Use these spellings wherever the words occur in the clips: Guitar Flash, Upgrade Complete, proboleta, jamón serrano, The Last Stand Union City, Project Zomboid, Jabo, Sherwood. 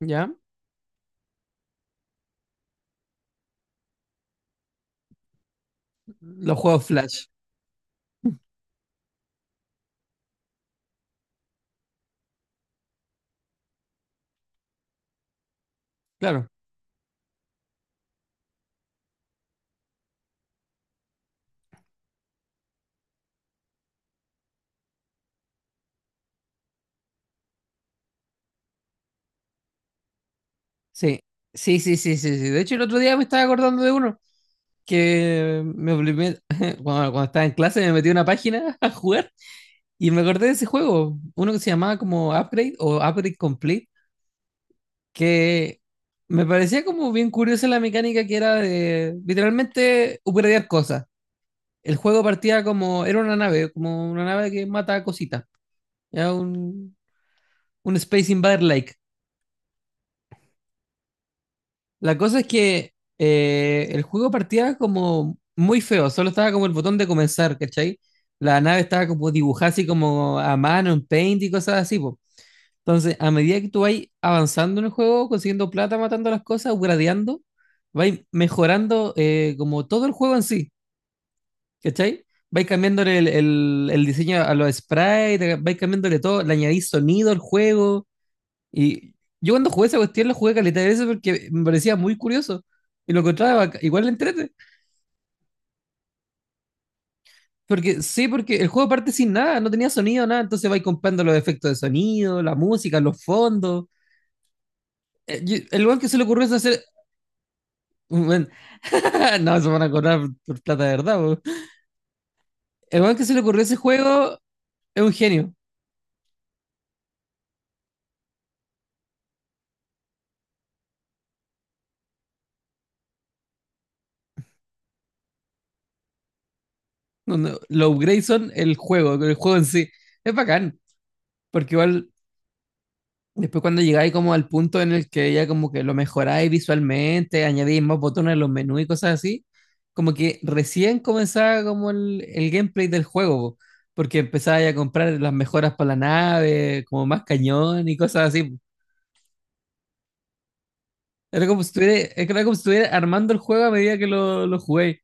¿Ya? Los juegos Flash, claro. Sí, sí, sí, sí, sí, sí. De hecho, el otro día me estaba acordando de uno que me obligé, cuando estaba en clase me metí a una página a jugar y me acordé de ese juego, uno que se llamaba como Upgrade o Upgrade Complete, que me parecía como bien curiosa la mecánica que era de literalmente upgradear cosas. El juego partía como, era una nave, como una nave que mata cositas. Era un Space Invader Like. La cosa es que el juego partía como muy feo, solo estaba como el botón de comenzar, ¿cachai? La nave estaba como dibujada así como a mano, en paint y cosas así, po. Entonces, a medida que tú vas avanzando en el juego, consiguiendo plata, matando las cosas, upgradeando, vas mejorando como todo el juego en sí, ¿cachai? Vais cambiándole el diseño a los sprites, vais cambiándole todo, le añadís sonido al juego y yo cuando jugué esa cuestión la jugué caleta de veces porque me parecía muy curioso. Y lo encontraba bac- igual le entrete. Porque sí, porque el juego parte sin nada, no tenía sonido, nada. Entonces vais comprando los efectos de sonido, la música, los fondos. El weón que se le ocurrió eso hacer. Weón, no, se van a cobrar por plata de verdad, po. El weón que se le ocurrió ese juego es un genio. No, no, los upgrades son el juego en sí. Es bacán, porque igual después cuando llegáis como al punto en el que ya como que lo mejoráis visualmente, añadís más botones en los menús y cosas así, como que recién comenzaba como el gameplay del juego, po, porque empezabais a comprar las mejoras para la nave, como más cañón y cosas así. Po. Era como si estuviera, era como si estuviera armando el juego a medida que lo jugué.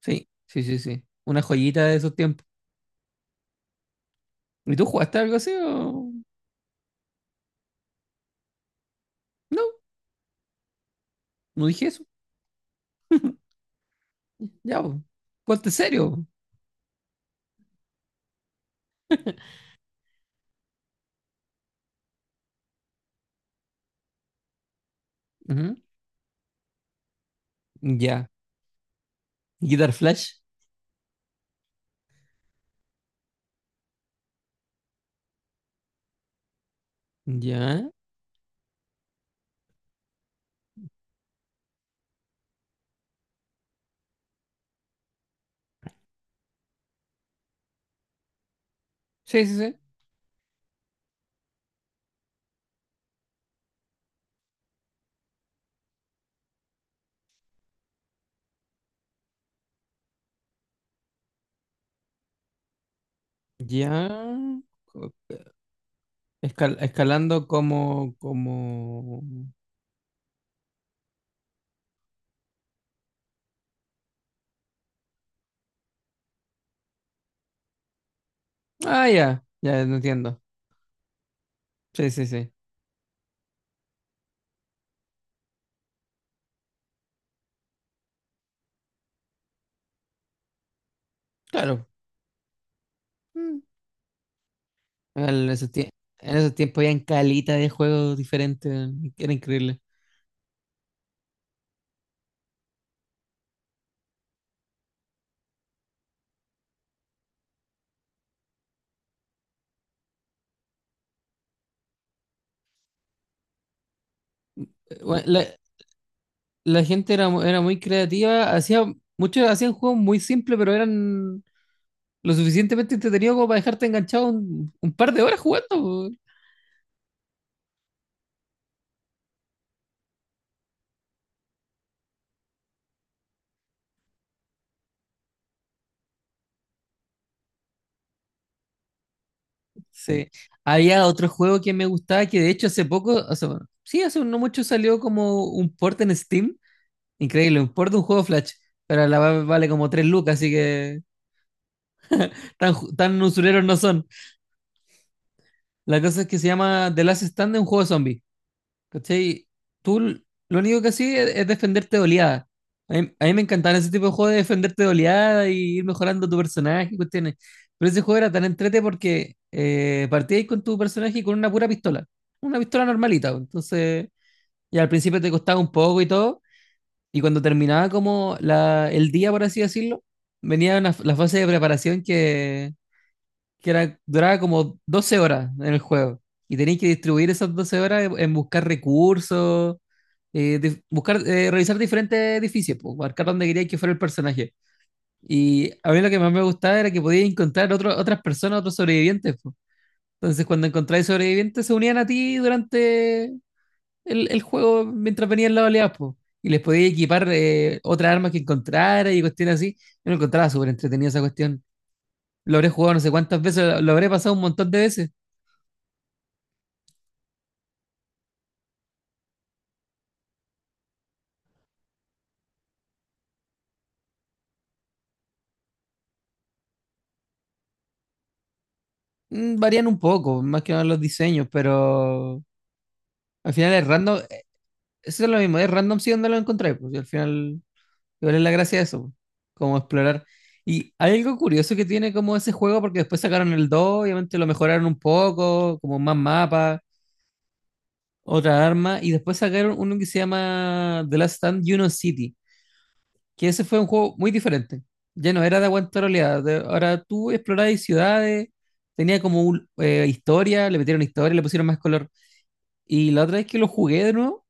Sí, sí, sí, sí. Una joyita de esos tiempos. ¿Y tú jugaste algo así o...? No, no dije eso. Ya, po. Ponte serio. Ujú, ya. Guitar Flash. Ya, sí, sí, sí. Ya. Co- escal- escalando como, como. Ah, ya, ya no entiendo. Sí, sí, sí. Claro. Mm. En esos tie- en esos tiempos habían calita de juegos diferentes, weón, era increíble. Bueno, la gente era, mu- era muy creativa, hacía, muchos hacían juegos muy simples, pero eran lo suficientemente entretenidos como para dejarte enganchado un par de horas jugando. Sí. Había otro juego que me gustaba que de hecho hace poco, o sea, bueno, sí, hace no mucho salió como un port en Steam. Increíble, un port de un juego Flash. Pero la va- vale como 3 lucas, así que tan, ju- tan usureros no son. La cosa es que se llama The Last Stand, un juego zombie. ¿Cachai? Tú l- lo único que sí es defenderte de oleada. A mí me encantaban ese tipo de juegos de defenderte de oleada y ir mejorando tu personaje y cuestiones. Pero ese juego era tan entrete porque partíais con tu personaje y con una pura pistola. Una pistola normalita. Pues. Entonces, ya al principio te costaba un poco y todo. Y cuando terminaba como la, el día, por así decirlo, venía una- la fase de preparación que era, duraba como 12 horas en el juego. Y tenéis que distribuir esas 12 horas en buscar recursos, dif- buscar, revisar diferentes edificios, pues, marcar dónde queríais que fuera el personaje. Y a mí lo que más me gustaba era que podías encontrar otro- otras personas, otros sobrevivientes. Pues. Entonces, cuando encontráis sobrevivientes, se unían a ti durante el juego mientras venían las oleadas, pues. Y les podías equipar otras armas que encontrara y cuestiones así. Yo lo encontraba súper entretenida esa cuestión. Lo habré jugado no sé cuántas veces, lo habré pasado un montón de veces. Mm, varían un poco, más que nada los diseños, pero al final es random. Eso es lo mismo, es random si donde lo encontráis, pues y al final, igual es la gracia de eso, pues, como explorar. Y hay algo curioso que tiene como ese juego, porque después sacaron el 2 obviamente lo mejoraron un poco, como más mapas, otra arma, y después sacaron uno que se llama The Last Stand Juno City, que ese fue un juego muy diferente. Ya no era de aguantar oleadas, de- ahora tú explorabas ciudades, tenía como un- historia, le metieron historia, le pusieron más color. Y la otra vez que lo jugué de nuevo,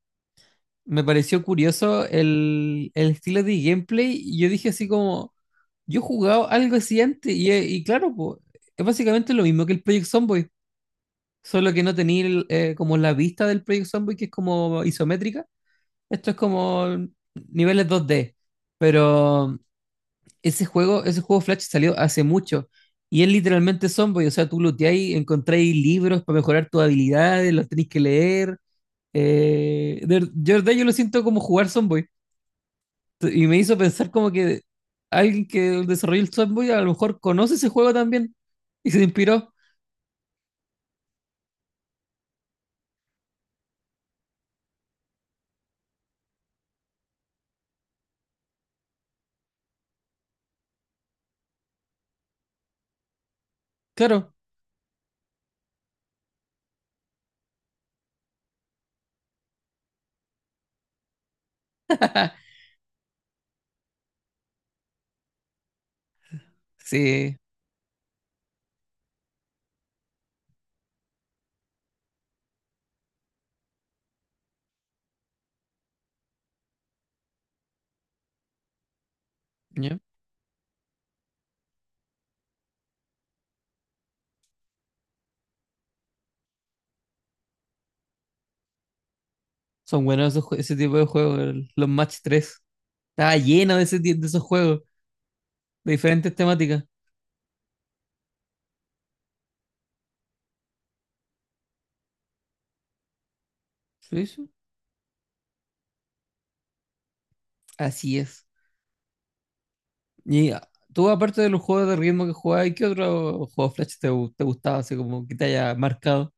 me pareció curioso el estilo de gameplay. Y yo dije así como, yo he jugado algo así antes. Y claro, po, es básicamente lo mismo que el Project Zomboid, solo que no tenía el, como la vista del Project Zomboid, que es como isométrica. Esto es como niveles 2D. Pero ese juego Flash salió hace mucho. Y es literalmente Zomboid, o sea, tú looteáis, encontráis libros para mejorar tus habilidades, los tenéis que leer de verdad yo lo siento como jugar Sonboy. Y me hizo pensar como que alguien que desarrolló el Sonboy a lo mejor conoce ese juego también y se inspiró. Claro, sí. ¿Ya? Son buenos esos jue- ese tipo de juegos, el- los Match tres. Estaba lleno de, ese ti- de esos juegos, de diferentes temáticas. Sí, sí. Así es. Y ah, tú, aparte de los juegos de ritmo que jugabas, ¿qué otro juego Flash te, gu- te gustaba, así como que te haya marcado?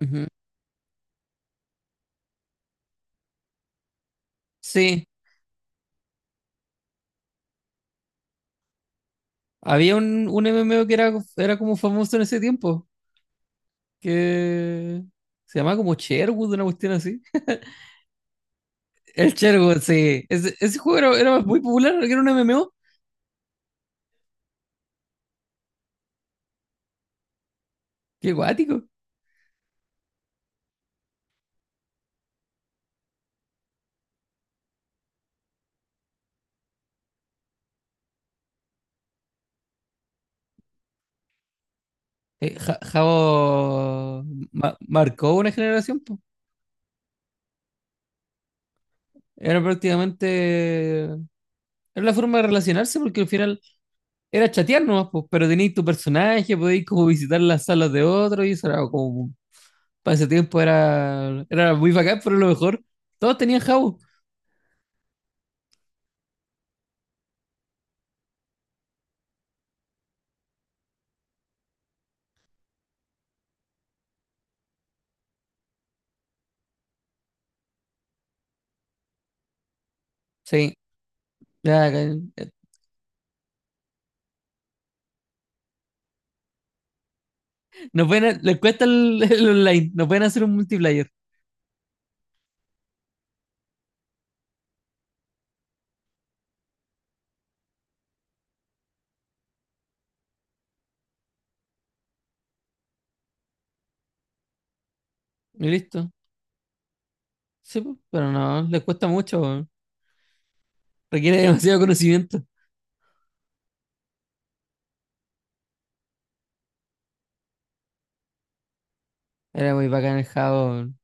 Ujú. Sí, había un MMO que era, era como famoso en ese tiempo, que se llamaba como Sherwood, una cuestión así. El Sherwood, sí. Ese juego era, era muy popular, era un MMO. Qué guático. Jabo ma- marcó una generación, po. Era prácticamente... Era la forma de relacionarse porque al final era chatear nomás, po, pero tenías tu personaje, podías como visitar las salas de otros y eso era como... Para ese tiempo era, era muy bacán, pero a lo mejor todos tenían Jabo. Sí, ya, acá- no pueden, ha- les cuesta el online, no pueden hacer un multiplayer. Y listo. Sí, po, pero no, les cuesta mucho. Weón. Requiere demasiado conocimiento. Era muy bacán el Java. Weón.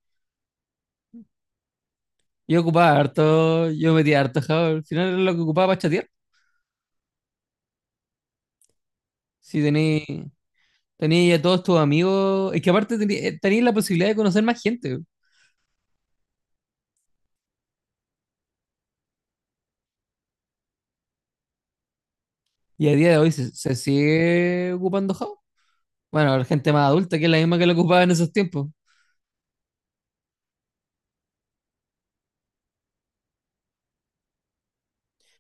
Yo ocupaba harto, yo metía harto Java. Al final era lo que ocupaba para chatear. Si tenéis tenéis a todos tus amigos. Es que aparte tenéis la posibilidad de conocer más gente. Weón. Y a día de hoy se sigue ocupando Java. Bueno, la gente más adulta que es la misma que lo ocupaba en esos tiempos.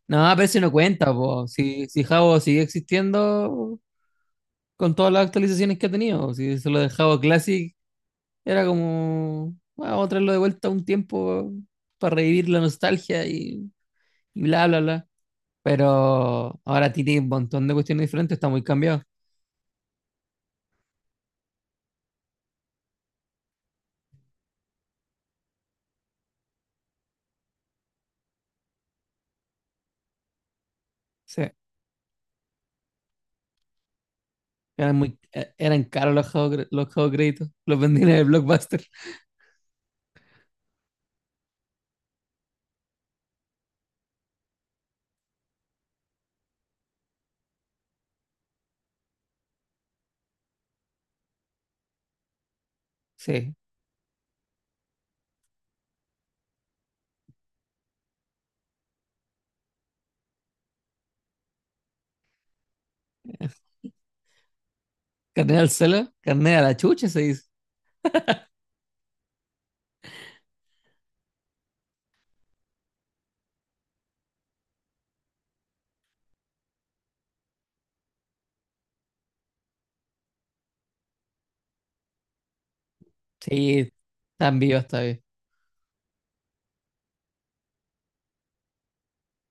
No, pero eso no cuenta, po. Si, si Java sigue existiendo, con todas las actualizaciones que ha tenido. Si se lo dejaba Classic, era como, "Bueno, vamos a traerlo de vuelta un tiempo para revivir la nostalgia y bla, bla, bla." Pero ahora tiene un montón de cuestiones diferentes, está muy cambiado. Sí. Eran, muy, eran caros los juegos, cre- los juegos créditos, los vendían en el Blockbuster. Sí. Carne al celo, carne a la chucha se dice. Sí, tan vivo está bien.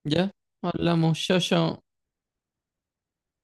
Ya, hablamos, yo, yo.